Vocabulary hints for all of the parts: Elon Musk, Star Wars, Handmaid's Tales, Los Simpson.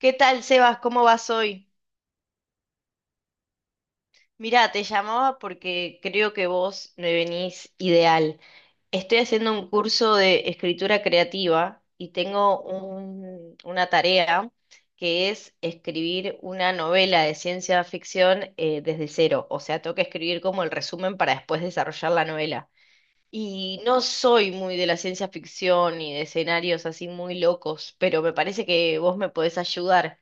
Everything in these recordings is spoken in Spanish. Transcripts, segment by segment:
¿Qué tal, Sebas? ¿Cómo vas hoy? Mira, te llamaba porque creo que vos me venís ideal. Estoy haciendo un curso de escritura creativa y tengo una tarea que es escribir una novela de ciencia ficción desde cero. O sea, tengo que escribir como el resumen para después desarrollar la novela. Y no soy muy de la ciencia ficción ni de escenarios así muy locos, pero me parece que vos me podés ayudar.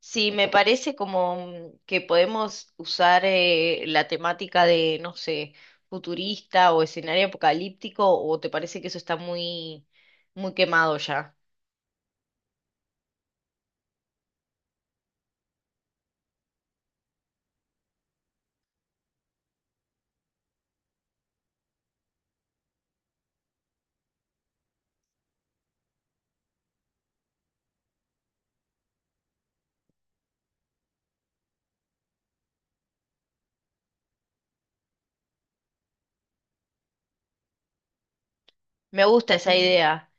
Sí, me parece como que podemos usar la temática de, no sé, futurista o escenario apocalíptico, o te parece que eso está muy, muy quemado ya. Me gusta esa idea.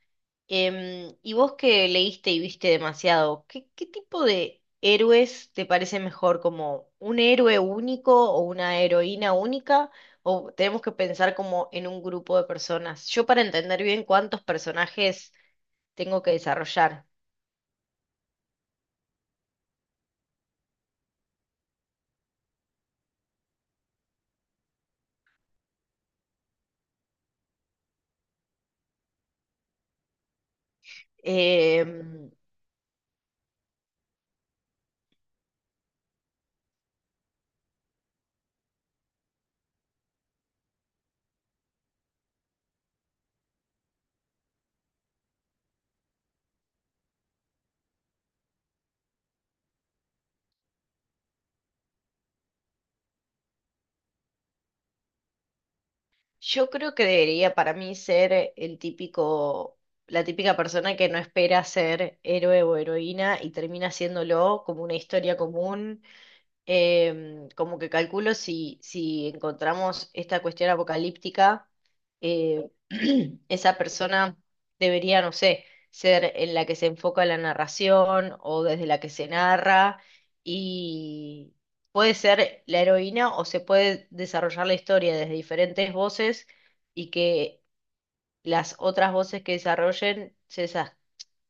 Y vos que leíste y viste demasiado, ¿qué, qué tipo de héroes te parece mejor? ¿Como un héroe único o una heroína única? ¿O tenemos que pensar como en un grupo de personas? Yo, para entender bien cuántos personajes tengo que desarrollar. Em, yo creo que debería, para mí, ser el típico, la típica persona que no espera ser héroe o heroína y termina haciéndolo, como una historia común. Como que calculo si, si encontramos esta cuestión apocalíptica, eh, esa persona debería, no sé, ser en la que se enfoca la narración o desde la que se narra, y puede ser la heroína, o se puede desarrollar la historia desde diferentes voces y que las otras voces que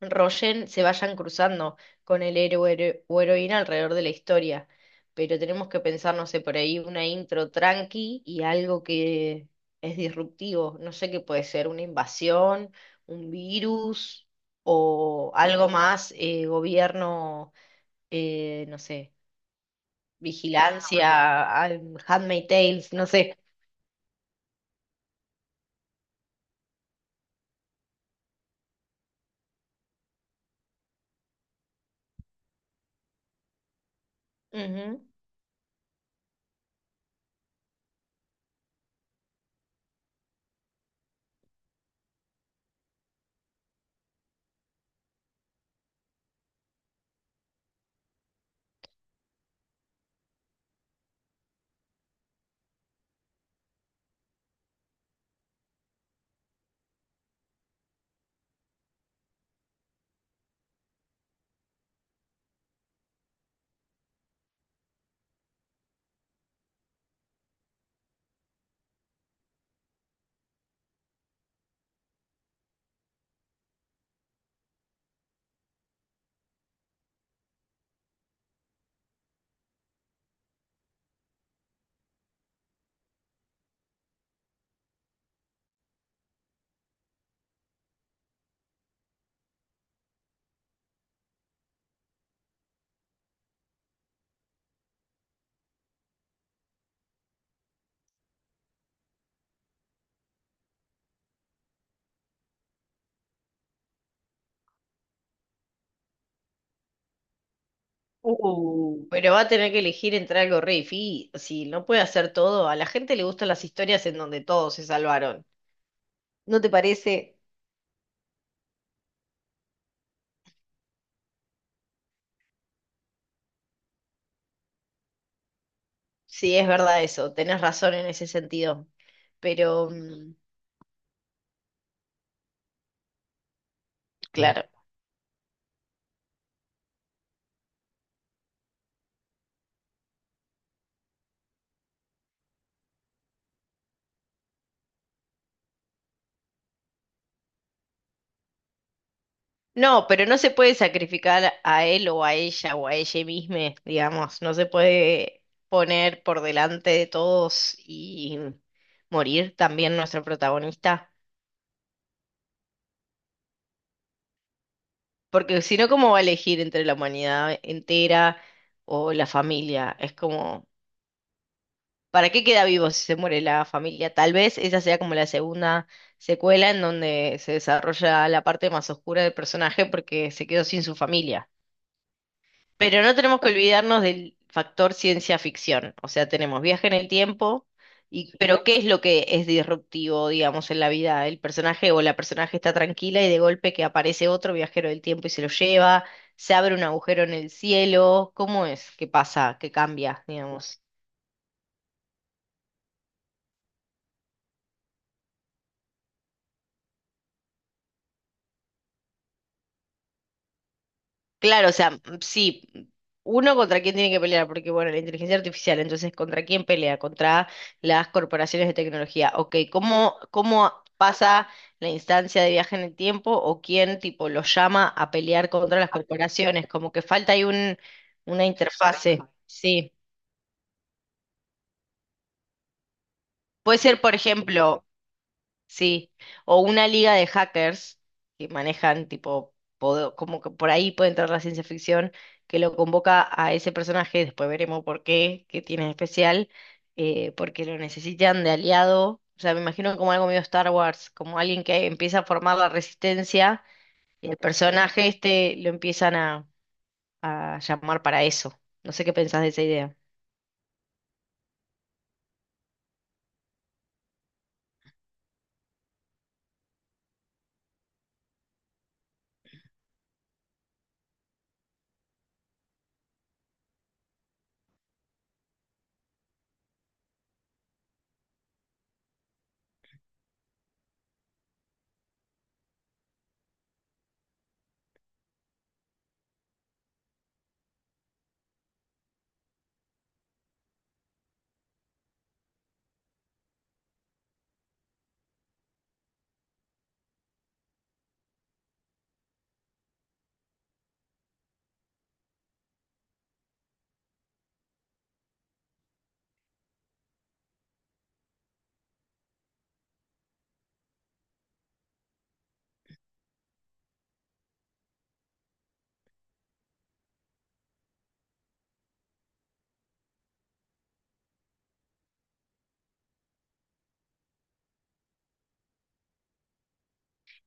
desarrollen, se vayan cruzando con el héroe o heroína alrededor de la historia. Pero tenemos que pensar, no sé, por ahí una intro tranqui y algo que es disruptivo. No sé qué puede ser, una invasión, un virus o algo más, gobierno, no sé, vigilancia, ah, Handmaid's Tales, no sé. Ujú. Pero va a tener que elegir entre algo re difícil, no puede hacer todo. A la gente le gustan las historias en donde todos se salvaron. ¿No te parece? Sí, es verdad eso, tenés razón en ese sentido. Pero, mm, claro. No, pero no se puede sacrificar a él o a ella, o a ella misma, digamos. No se puede poner por delante de todos y morir también nuestro protagonista. Porque si no, ¿cómo va a elegir entre la humanidad entera o la familia? Es como, ¿para qué queda vivo si se muere la familia? Tal vez esa sea como la segunda secuela, en donde se desarrolla la parte más oscura del personaje porque se quedó sin su familia. Pero no tenemos que olvidarnos del factor ciencia ficción. O sea, tenemos viaje en el tiempo, y, pero ¿qué es lo que es disruptivo, digamos, en la vida? El personaje o la personaje está tranquila y de golpe que aparece otro viajero del tiempo y se lo lleva, se abre un agujero en el cielo. ¿Cómo es? ¿Qué pasa? ¿Qué cambia, digamos? Claro, o sea, mm, sí, uno, contra quién tiene que pelear, porque bueno, la inteligencia artificial, entonces, ¿contra quién pelea? Contra las corporaciones de tecnología. Ok, ¿cómo, cómo pasa la instancia de viaje en el tiempo, o quién tipo los llama a pelear contra las corporaciones? Como que falta ahí un, una interfase. Sí. Puede ser, por ejemplo, sí, o una liga de hackers que manejan tipo, como que por ahí puede entrar la ciencia ficción, que lo convoca a ese personaje, después veremos por qué, qué tiene de especial, porque lo necesitan de aliado. O sea, me imagino como algo medio Star Wars, como alguien que empieza a formar la resistencia y el personaje este lo empiezan a llamar para eso. No sé qué pensás de esa idea.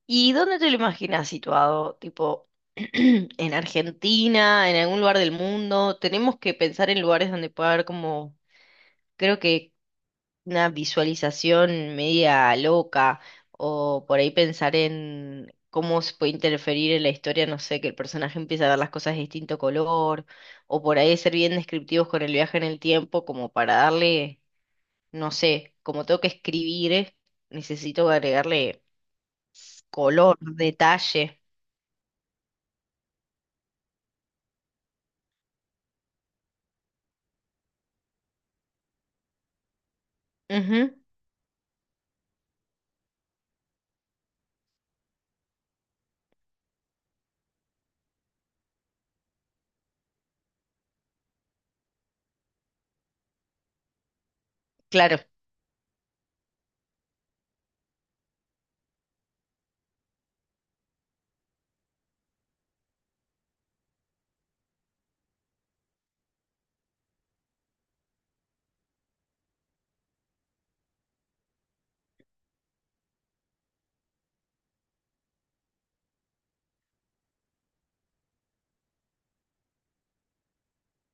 ¿Y dónde te lo imaginas situado? Tipo, en Argentina, en algún lugar del mundo. Tenemos que pensar en lugares donde pueda haber como, creo que, una visualización media loca, o por ahí pensar en cómo se puede interferir en la historia, no sé, que el personaje empiece a ver las cosas de distinto color, o por ahí ser bien descriptivos con el viaje en el tiempo, como para darle, no sé, como tengo que escribir, necesito agregarle color, detalle. Ujú. Claro,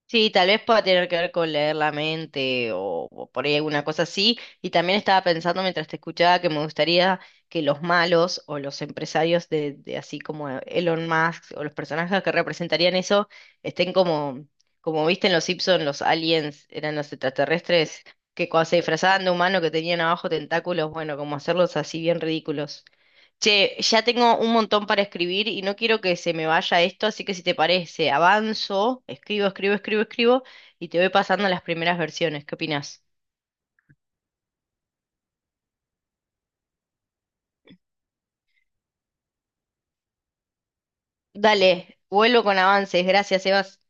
sí, tal vez pueda tener que ver con leer la mente, o por ahí alguna cosa así. Y también estaba pensando mientras te escuchaba que me gustaría que los malos o los empresarios de, así como Elon Musk, o los personajes que representarían eso, estén como, como viste en Los Simpson, los aliens eran los extraterrestres que cuando se disfrazaban de humano que tenían abajo tentáculos, bueno, como hacerlos así bien ridículos. Che, ya tengo un montón para escribir y no quiero que se me vaya esto, así que si te parece, avanzo, escribo, escribo, escribo, escribo y te voy pasando las primeras versiones. ¿Qué opinás? Dale, vuelvo con avances. Gracias, Sebas.